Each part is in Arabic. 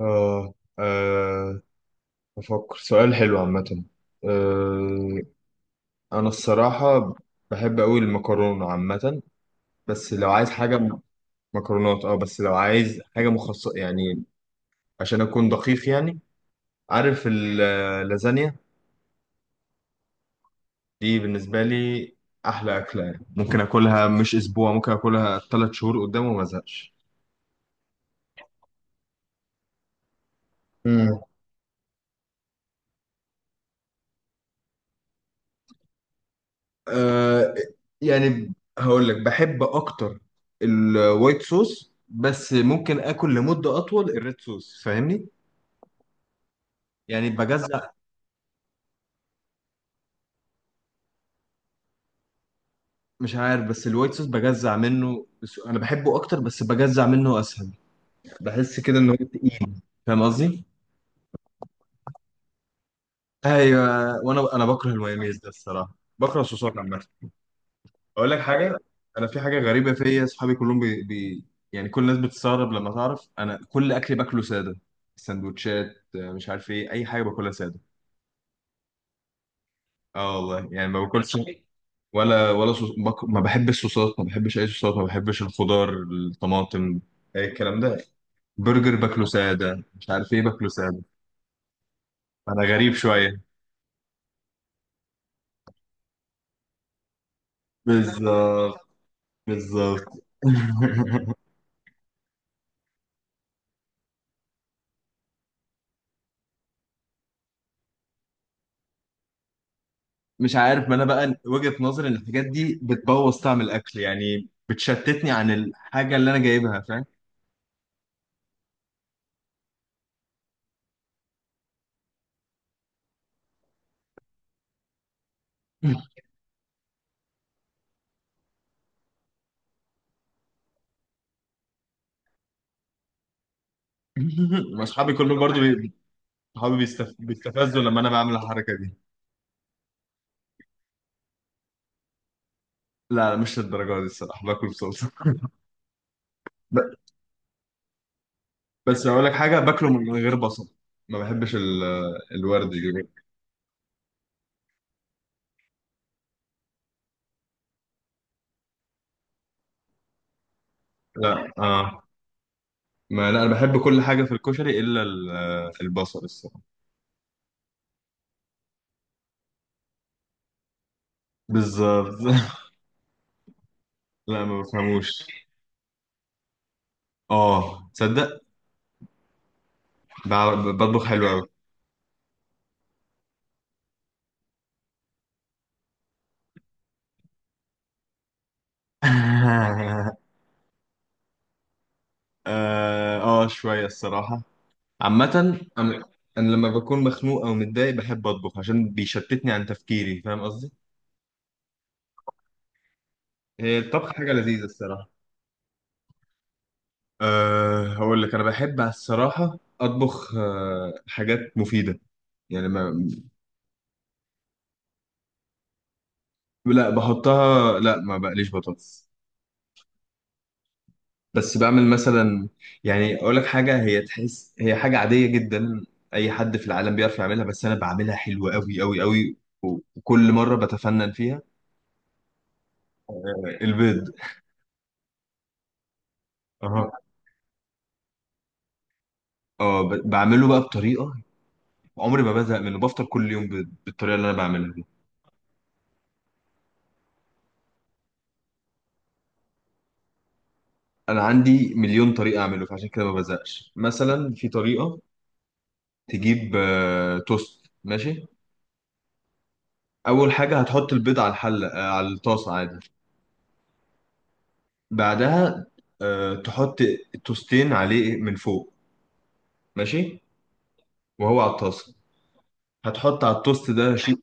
آه آه أفكر سؤال حلو عامة. آه أنا الصراحة بحب أوي المكرونة عامة. بس لو عايز حاجة مكرونات. أه بس لو عايز حاجة مخصصة، يعني عشان أكون دقيق يعني. عارف اللازانيا دي بالنسبة لي أحلى أكلة، يعني ممكن أكلها مش أسبوع، ممكن أكلها تلات شهور قدام وما أزهقش. آه يعني هقول لك بحب اكتر الوايت صوص، بس ممكن اكل لمدة اطول الريد صوص، فاهمني؟ يعني بجزع. مش عارف، بس الوايت صوص بجزع منه، بس انا بحبه اكتر، بس بجزع منه اسهل. بحس كده ان هو تقيل، فاهم قصدي؟ ايوه. وانا بكره المايونيز ده الصراحة، بكره الصوصات عامة. اقول لك حاجه، انا في حاجه غريبه فيا. اصحابي كلهم يعني كل الناس بتستغرب لما تعرف انا كل اكلي باكله ساده. سندوتشات، مش عارف ايه، اي حاجه باكلها ساده. اه والله يعني ما باكلش. ولا صوص ما بحبش الصوصات، ما بحبش اي صوصات، ما بحبش الخضار، الطماطم، اي الكلام ده. برجر باكله ساده، مش عارف ايه باكله ساده. انا غريب شويه. بالظبط. بالظبط. مش عارف، ما انا بقى وجهة نظري ان الحاجات دي بتبوظ طعم الاكل، يعني بتشتتني عن الحاجة اللي انا جايبها، فاهم؟ واصحابي كلهم برضو صحابي بيستفزوا لما انا بعمل الحركة دي. لا لا، مش للدرجة دي الصراحة، باكل بصلصة. ب... بس اقول لك حاجة، باكله من غير بصل. ما بحبش الورد دي. لا اه، ما لا انا بحب كل حاجة في الكشري الا البصل الصراحة. بالظبط. لا ما بفهموش. اه تصدق، بطبخ حلو قوي. اه، شوية الصراحة، عامة. أم- انا لما بكون مخنوق او متضايق بحب اطبخ، عشان بيشتتني عن تفكيري، فاهم قصدي؟ هي الطبخ حاجة لذيذة الصراحة. أه هقول لك، انا بحب على الصراحة اطبخ أه حاجات مفيدة، يعني ما لا بحطها، لا ما بقليش بطاطس. بس بعمل مثلا، يعني اقول لك حاجة، هي تحس هي حاجة عادية جدا، اي حد في العالم بيعرف يعملها، بس انا بعملها حلوة قوي قوي قوي، وكل مرة بتفنن فيها. البيض. أها، اه بعمله بقى بطريقه، عمري ما بزهق منه، بفطر كل يوم بالطريقه اللي انا بعملها دي. انا عندي مليون طريقه اعمله، فعشان كده ما بزهقش. مثلا في طريقه تجيب توست، ماشي. اول حاجه هتحط البيض على الحله، على الطاسه عادي. بعدها تحط التوستين عليه من فوق، ماشي، وهو على الطاسه. هتحط على التوست ده شيء.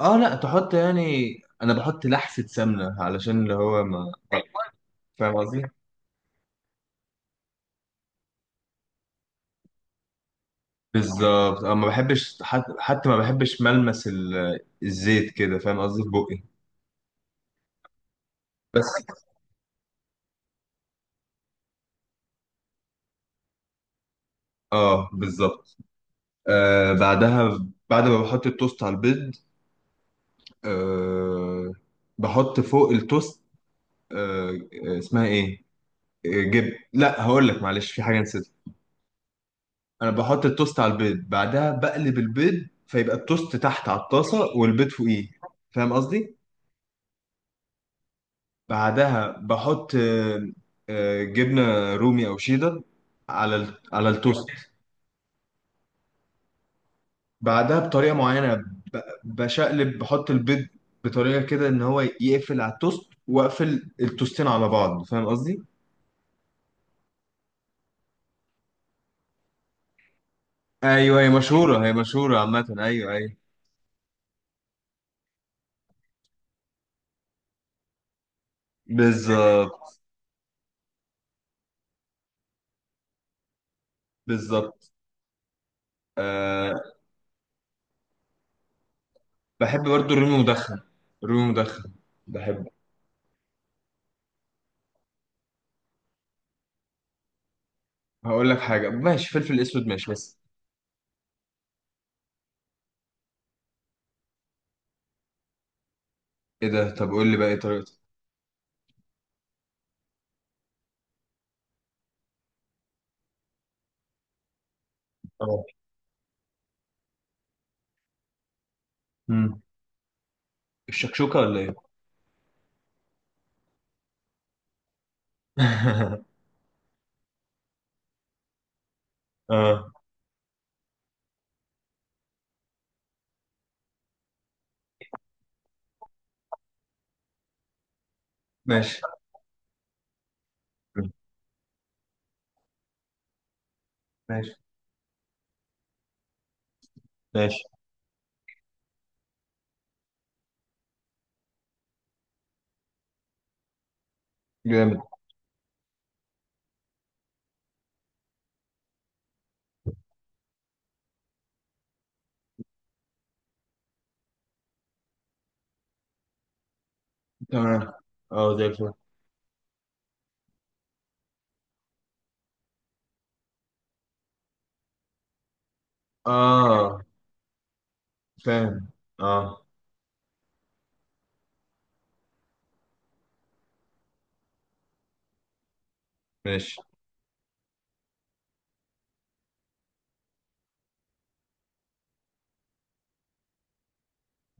اه لا تحط يعني، انا بحط لحسه سمنه علشان اللي هو ما، فاهم قصدي؟ بالظبط، أنا ما بحبش حتى ما بحبش ملمس الزيت كده، فاهم قصدي؟ في بقي بس، اه بالظبط. آه بعدها، بعد ما بحط التوست على البيض، آه بحط فوق التوست، آه اسمها ايه، آه، جب لا هقول لك معلش، في حاجه نسيتها. انا بحط التوست على البيض، بعدها بقلب البيض، فيبقى التوست تحت على الطاسه والبيض فوقيه، فاهم قصدي؟ بعدها بحط جبنة رومي أو شيدر على على التوست. بعدها بطريقة معينة بشقلب بحط البيض بطريقة كده إن هو يقفل على التوست، وأقفل التوستين على بعض، فاهم قصدي؟ أيوه هي مشهورة، هي مشهورة عامة، أيوه أيوه. بالظبط. بالظبط، أه. بحب برضو الرومي مدخن، رومي مدخن بحبه. هقول لك حاجة، ماشي، فلفل أسود ماشي، بس. إيه ده، طب قول لي بقى إيه طريقته؟ اه. مم. الشكشوكة ولا إيه؟ اه، ماشي ماشي ماشي. جامد. تمام. اه زي الفل. اه فاهم. اه ماشي.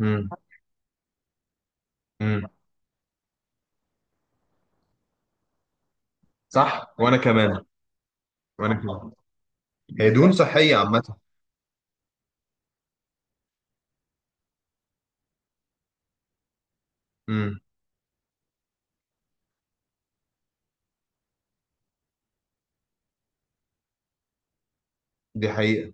امم. امم. صح وانا كمان. وانا كمان، هي دهون صحية عامة. امم. دي حقيقة.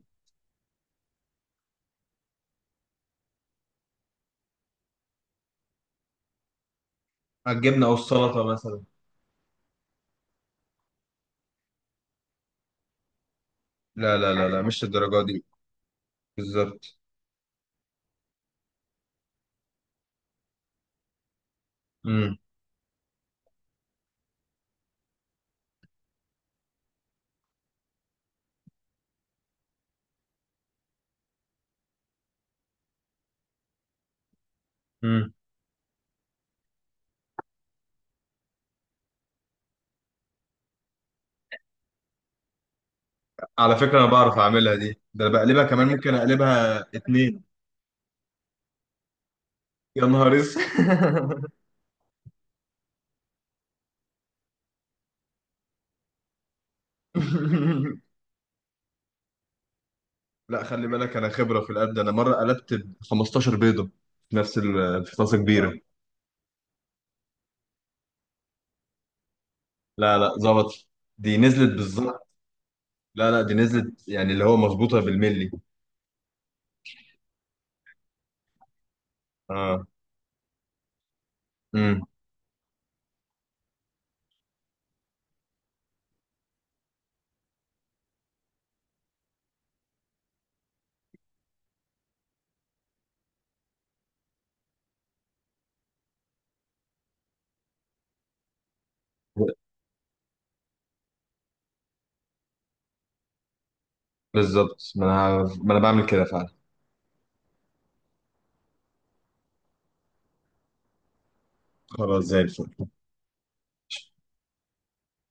الجبنة او السلطة مثلا. لا لا لا لا، مش الدرجة دي. بالظبط. امم. امم. على فكرة انا بعرف اعملها دي، ده انا بقلبها كمان، ممكن اقلبها اتنين. يا نهار اسود. لا خلي بالك، انا خبره في القلب ده. انا مره قلبت ب 15 بيضه في نفس في طاسه كبيره. لا لا، ظبط، دي نزلت بالظبط. لا لا، دي نزلت يعني اللي هو مظبوطه بالملي. اه. امم. بالظبط. ما انا بعمل كده فعلا. خلاص زي الفل.